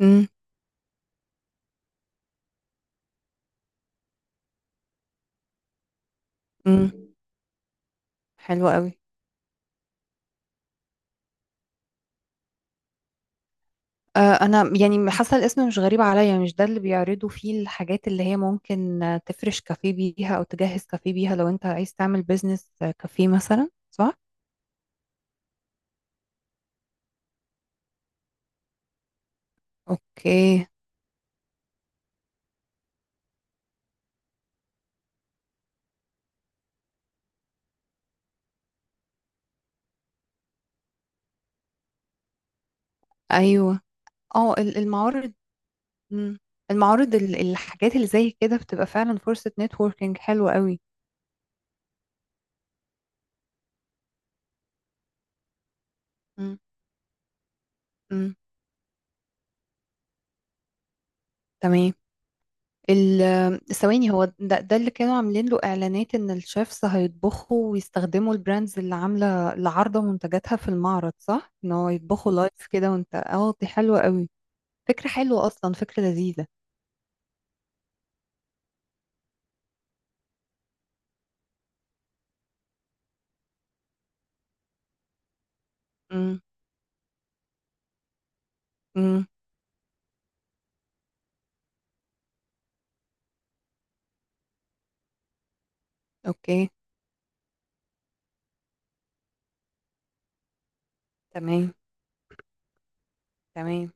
امم. امم. حلو قوي. آه، انا يعني حاسه الاسم مش غريب عليا، مش ده اللي بيعرضوا فيه الحاجات اللي هي ممكن، تفرش كافيه بيها او تجهز كافيه بيها لو انت عايز تعمل بيزنس كافيه مثلا، صح؟ اوكي. ايوه. اه، المعارض. مم. المعارض، الحاجات اللي زي كده بتبقى فعلا فرصه نتوركينج حلوه قوي. امم. امم. تمام. ثواني، هو ده اللي كانوا عاملين له اعلانات ان الشيفز هيطبخوا ويستخدموا البراندز اللي عامله اللي عارضه منتجاتها في المعرض، صح؟ ان هو يطبخوا لايف كده. وانت اه، دي حلوه قوي، فكره حلوه اصلا، فكره لذيذه. امم. امم. اوكي. تمام. تمام.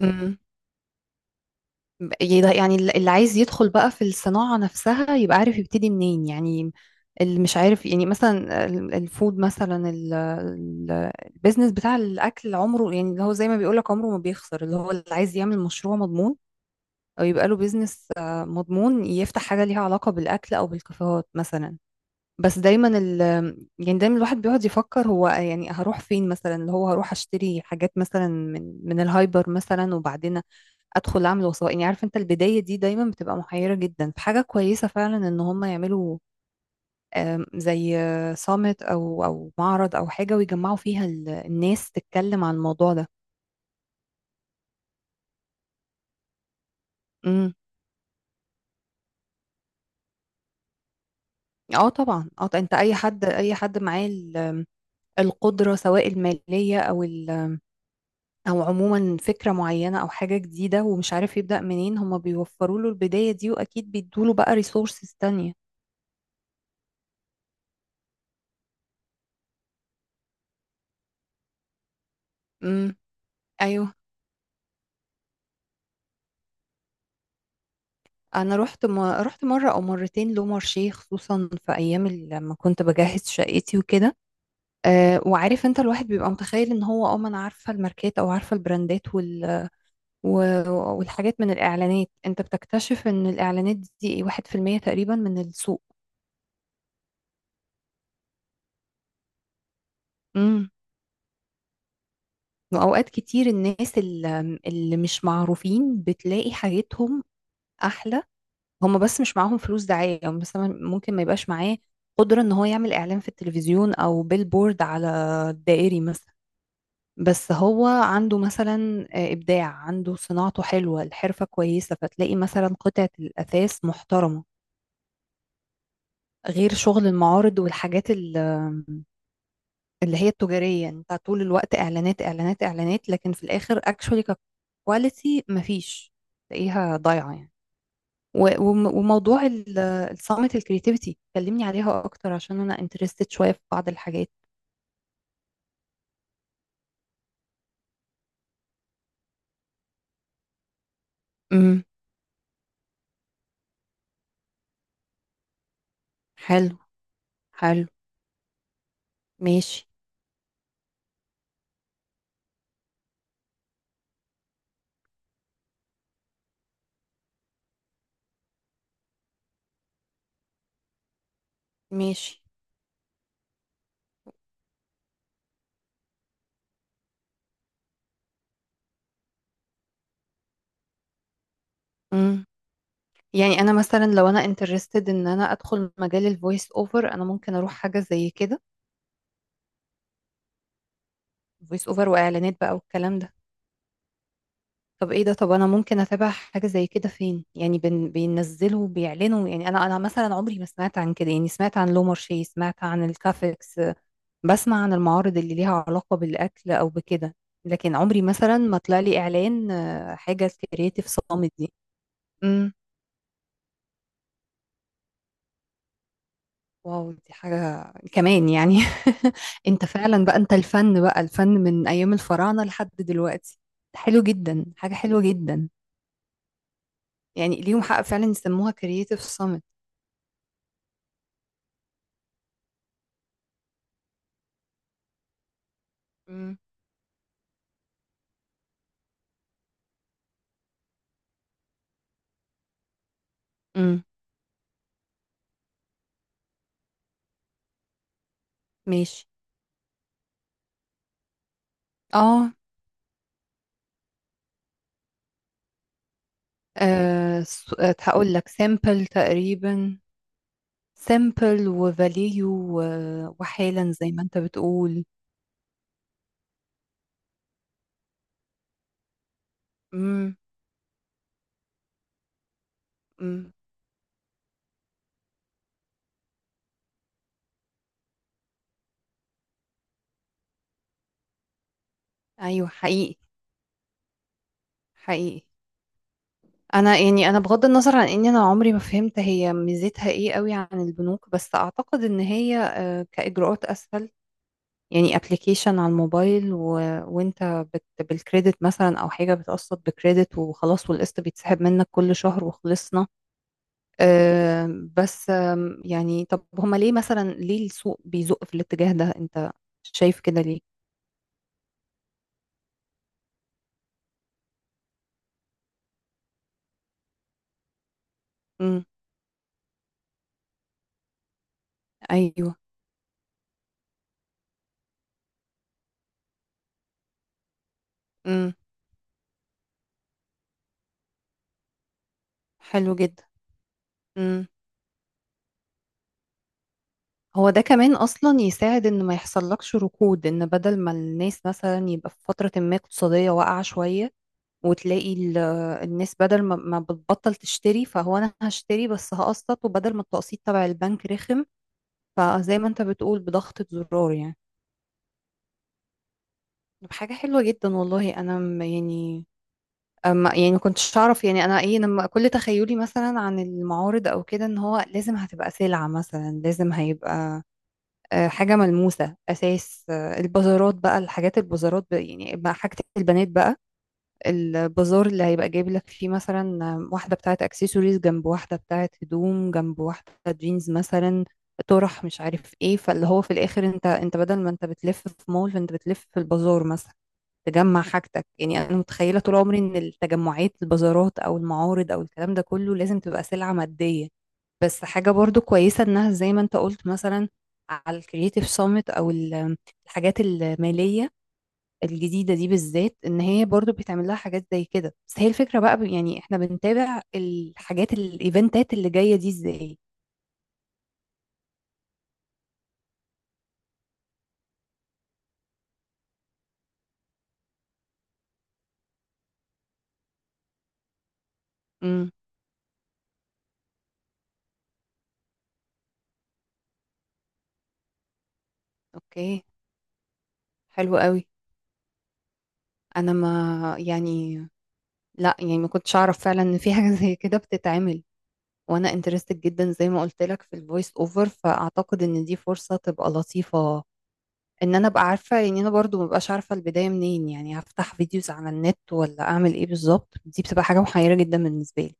امم. يعني اللي عايز يدخل بقى في الصناعة نفسها يبقى عارف يبتدي منين يعني. اللي مش عارف يعني، مثلا الفود، مثلا البيزنس بتاع الأكل عمره، يعني اللي هو زي ما بيقولك عمره ما بيخسر، اللي هو اللي عايز يعمل مشروع مضمون أو يبقى له بيزنس مضمون، يفتح حاجة ليها علاقة بالأكل أو بالكافيهات مثلا. بس دايما ال، يعني دايما الواحد بيقعد يفكر هو يعني هروح فين مثلا، اللي هو هروح اشتري حاجات مثلا من الهايبر مثلا، وبعدين ادخل اعمل وثائقي. عارف انت، البدايه دي دايما بتبقى محيره جدا، فحاجه كويسه فعلا ان هم يعملوا زي صامت او او معرض او حاجه، ويجمعوا فيها الناس تتكلم عن الموضوع ده. امم. اه طبعا، اه، انت اي حد، اي حد معاه القدره، سواء الماليه او ال، او عموما فكره معينه او حاجه جديده ومش عارف يبدا منين، هم بيوفروا له البدايه دي، واكيد بيدوا له بقى ريسورسز تانية. امم. ايوه. انا رحت مره او مرتين لو مارشيه، خصوصا في ايام لما كنت بجهز شقتي وكده. أه، وعارف انت، الواحد بيبقى متخيل ان هو، اه، ما انا عارفه الماركات او عارفه البراندات و... والحاجات من الاعلانات، انت بتكتشف ان الاعلانات دي 1% تقريبا من السوق. امم. واوقات كتير الناس اللي مش معروفين بتلاقي حاجتهم احلى، هم بس مش معاهم فلوس دعاية، او مثلا ممكن ما يبقاش معاه قدرة ان هو يعمل اعلان في التلفزيون او بيلبورد على الدائري مثلا. بس هو عنده مثلا ابداع، عنده صناعته حلوة، الحرفة كويسة، فتلاقي مثلا قطعة الاثاث محترمة، غير شغل المعارض والحاجات اللي هي التجارية. انت طول الوقت اعلانات اعلانات اعلانات، لكن في الاخر اكشولي ككواليتي مفيش، تلاقيها ضايعة يعني. وموضوع الصامت الكرياتيفيتي، كلمني عليها اكتر عشان انا انترستد شوية في بعض الحاجات. امم. حلو. حلو. ماشي. ماشي. امم. يعني انا مثلا لو انا انترستد ان انا ادخل مجال الفويس اوفر، انا ممكن اروح حاجة زي كده، فويس اوفر واعلانات بقى والكلام ده. طب ايه ده، طب انا ممكن اتابع حاجة زي كده فين يعني؟ بينزلوا بيعلنوا يعني، انا مثلا عمري ما سمعت عن كده يعني، سمعت عن لومارشي، سمعت عن الكافكس، بسمع عن المعارض اللي ليها علاقة بالأكل أو بكده، لكن عمري مثلا ما طلع لي إعلان، حاجة كرياتيف صامت دي. امم. واو، دي حاجة كمان يعني. انت فعلا بقى، انت الفن بقى، الفن من أيام الفراعنة لحد دلوقتي. حلو جدا، حاجة حلوة جدا. يعني ليهم حق فعلا يسموها كرياتيف صامت. امم. امم. ماشي. اه. هقول لك سامبل تقريبا، سامبل وفاليو، وحالا زي ما انت بتقول. امم. امم. ايوه. حقيقي. حقيقي. انا يعني، انا بغض النظر عن اني انا عمري ما فهمت هي ميزتها ايه قوي عن البنوك، بس اعتقد ان هي كاجراءات اسهل. يعني ابلكيشن على الموبايل، وانت بالكريدت مثلا، او حاجه بتقسط بكريدت وخلاص، والقسط بيتسحب منك كل شهر وخلصنا. آه، بس يعني، طب هما ليه مثلا، ليه السوق بيزق في الاتجاه ده؟ انت شايف كده ليه؟ امم. ايوه. امم. حلو جدا. امم. هو ده كمان اصلا يساعد ان ما يحصلكش ركود، ان بدل ما الناس مثلا يبقى في فترة ما اقتصادية واقعة شوية، وتلاقي الناس بدل ما بتبطل تشتري، فهو انا هشتري بس هقسط، وبدل ما التقسيط تبع البنك رخم، فزي ما انت بتقول، بضغطة زرار يعني. طب حاجة حلوة جدا والله، انا يعني، أما يعني ما كنتش اعرف يعني. انا ايه، لما كل تخيلي مثلا عن المعارض او كده ان هو لازم هتبقى سلعة، مثلا لازم هيبقى حاجة ملموسة أساس. البازارات بقى، الحاجات البازارات بقى يعني، بقى حاجة البنات بقى، البازار اللي هيبقى جايب لك فيه مثلا واحدة بتاعت اكسسوارز، جنب واحدة بتاعت هدوم، جنب واحدة جينز مثلا، طرح مش عارف ايه. فاللي هو في الاخر انت بدل ما انت بتلف في مول، فانت بتلف في البازار مثلا، تجمع حاجتك يعني. انا متخيلة طول عمري ان التجمعات، البازارات او المعارض او الكلام ده كله، لازم تبقى سلعة مادية. بس حاجة برضو كويسة انها زي ما انت قلت مثلا، على الكرييتيف سامت او الحاجات المالية الجديدة دي بالذات، ان هي برضو بيتعمل لها حاجات زي كده. بس هي الفكرة بقى يعني، احنا بنتابع الحاجات الايفنتات اللي جاية دي ازاي؟ امم. اوكي. حلو قوي. انا ما يعني، لا يعني ما كنتش اعرف فعلا ان في حاجة زي كده بتتعمل. وانا انترستد جدا زي ما قلت لك في الفويس اوفر، فاعتقد ان دي فرصة تبقى لطيفة ان انا ابقى عارفة. يعني انا برضو ما ببقاش عارفة البداية منين يعني، هفتح فيديوز على النت ولا اعمل ايه بالظبط؟ دي بتبقى حاجة محيرة جدا بالنسبة لي.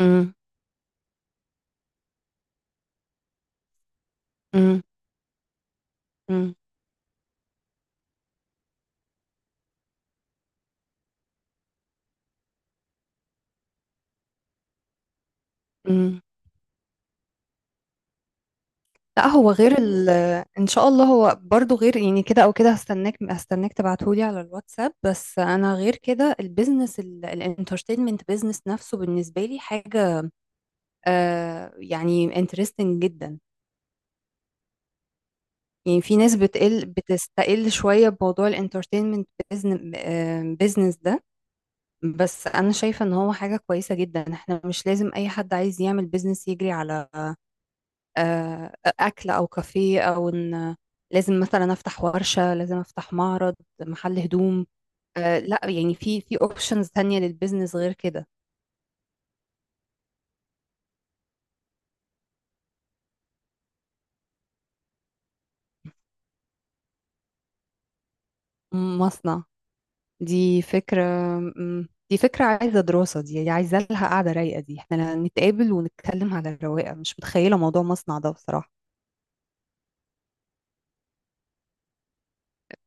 امم. امم. مم. لا، هو غير ان شاء الله. هو برضو غير يعني كده او كده، هستناك، هستناك تبعتهولي على الواتساب. بس انا غير كده، البيزنس، الانترتينمنت بيزنس نفسه بالنسبه لي حاجه آه، يعني انترستنج جدا. يعني في ناس بتستقل شويه بموضوع الانترتينمنت بيزنس ده. بس انا شايفه ان هو حاجه كويسه جدا. احنا مش لازم اي حد عايز يعمل بيزنس يجري على أكل أو كافيه، أو إن لازم مثلا أفتح ورشة، لازم أفتح معرض، محل هدوم. لا يعني، في في أوبشنز تانية للبيزنس غير كده. مصنع؟ دي فكرة. مم، دي فكرة عايزة دراسة، دي عايزة لها قعدة رايقة. دي احنا نتقابل ونتكلم على الرواقة، مش متخيلة موضوع مصنع ده بصراحة.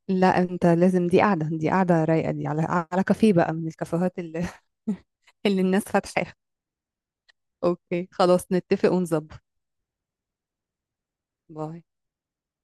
لا، انت لازم، دي قعدة، دي قعدة رايقة، دي على على كافيه بقى من الكافيهات اللي اللي الناس فاتحاها. اوكي، خلاص نتفق ونظبط. باي.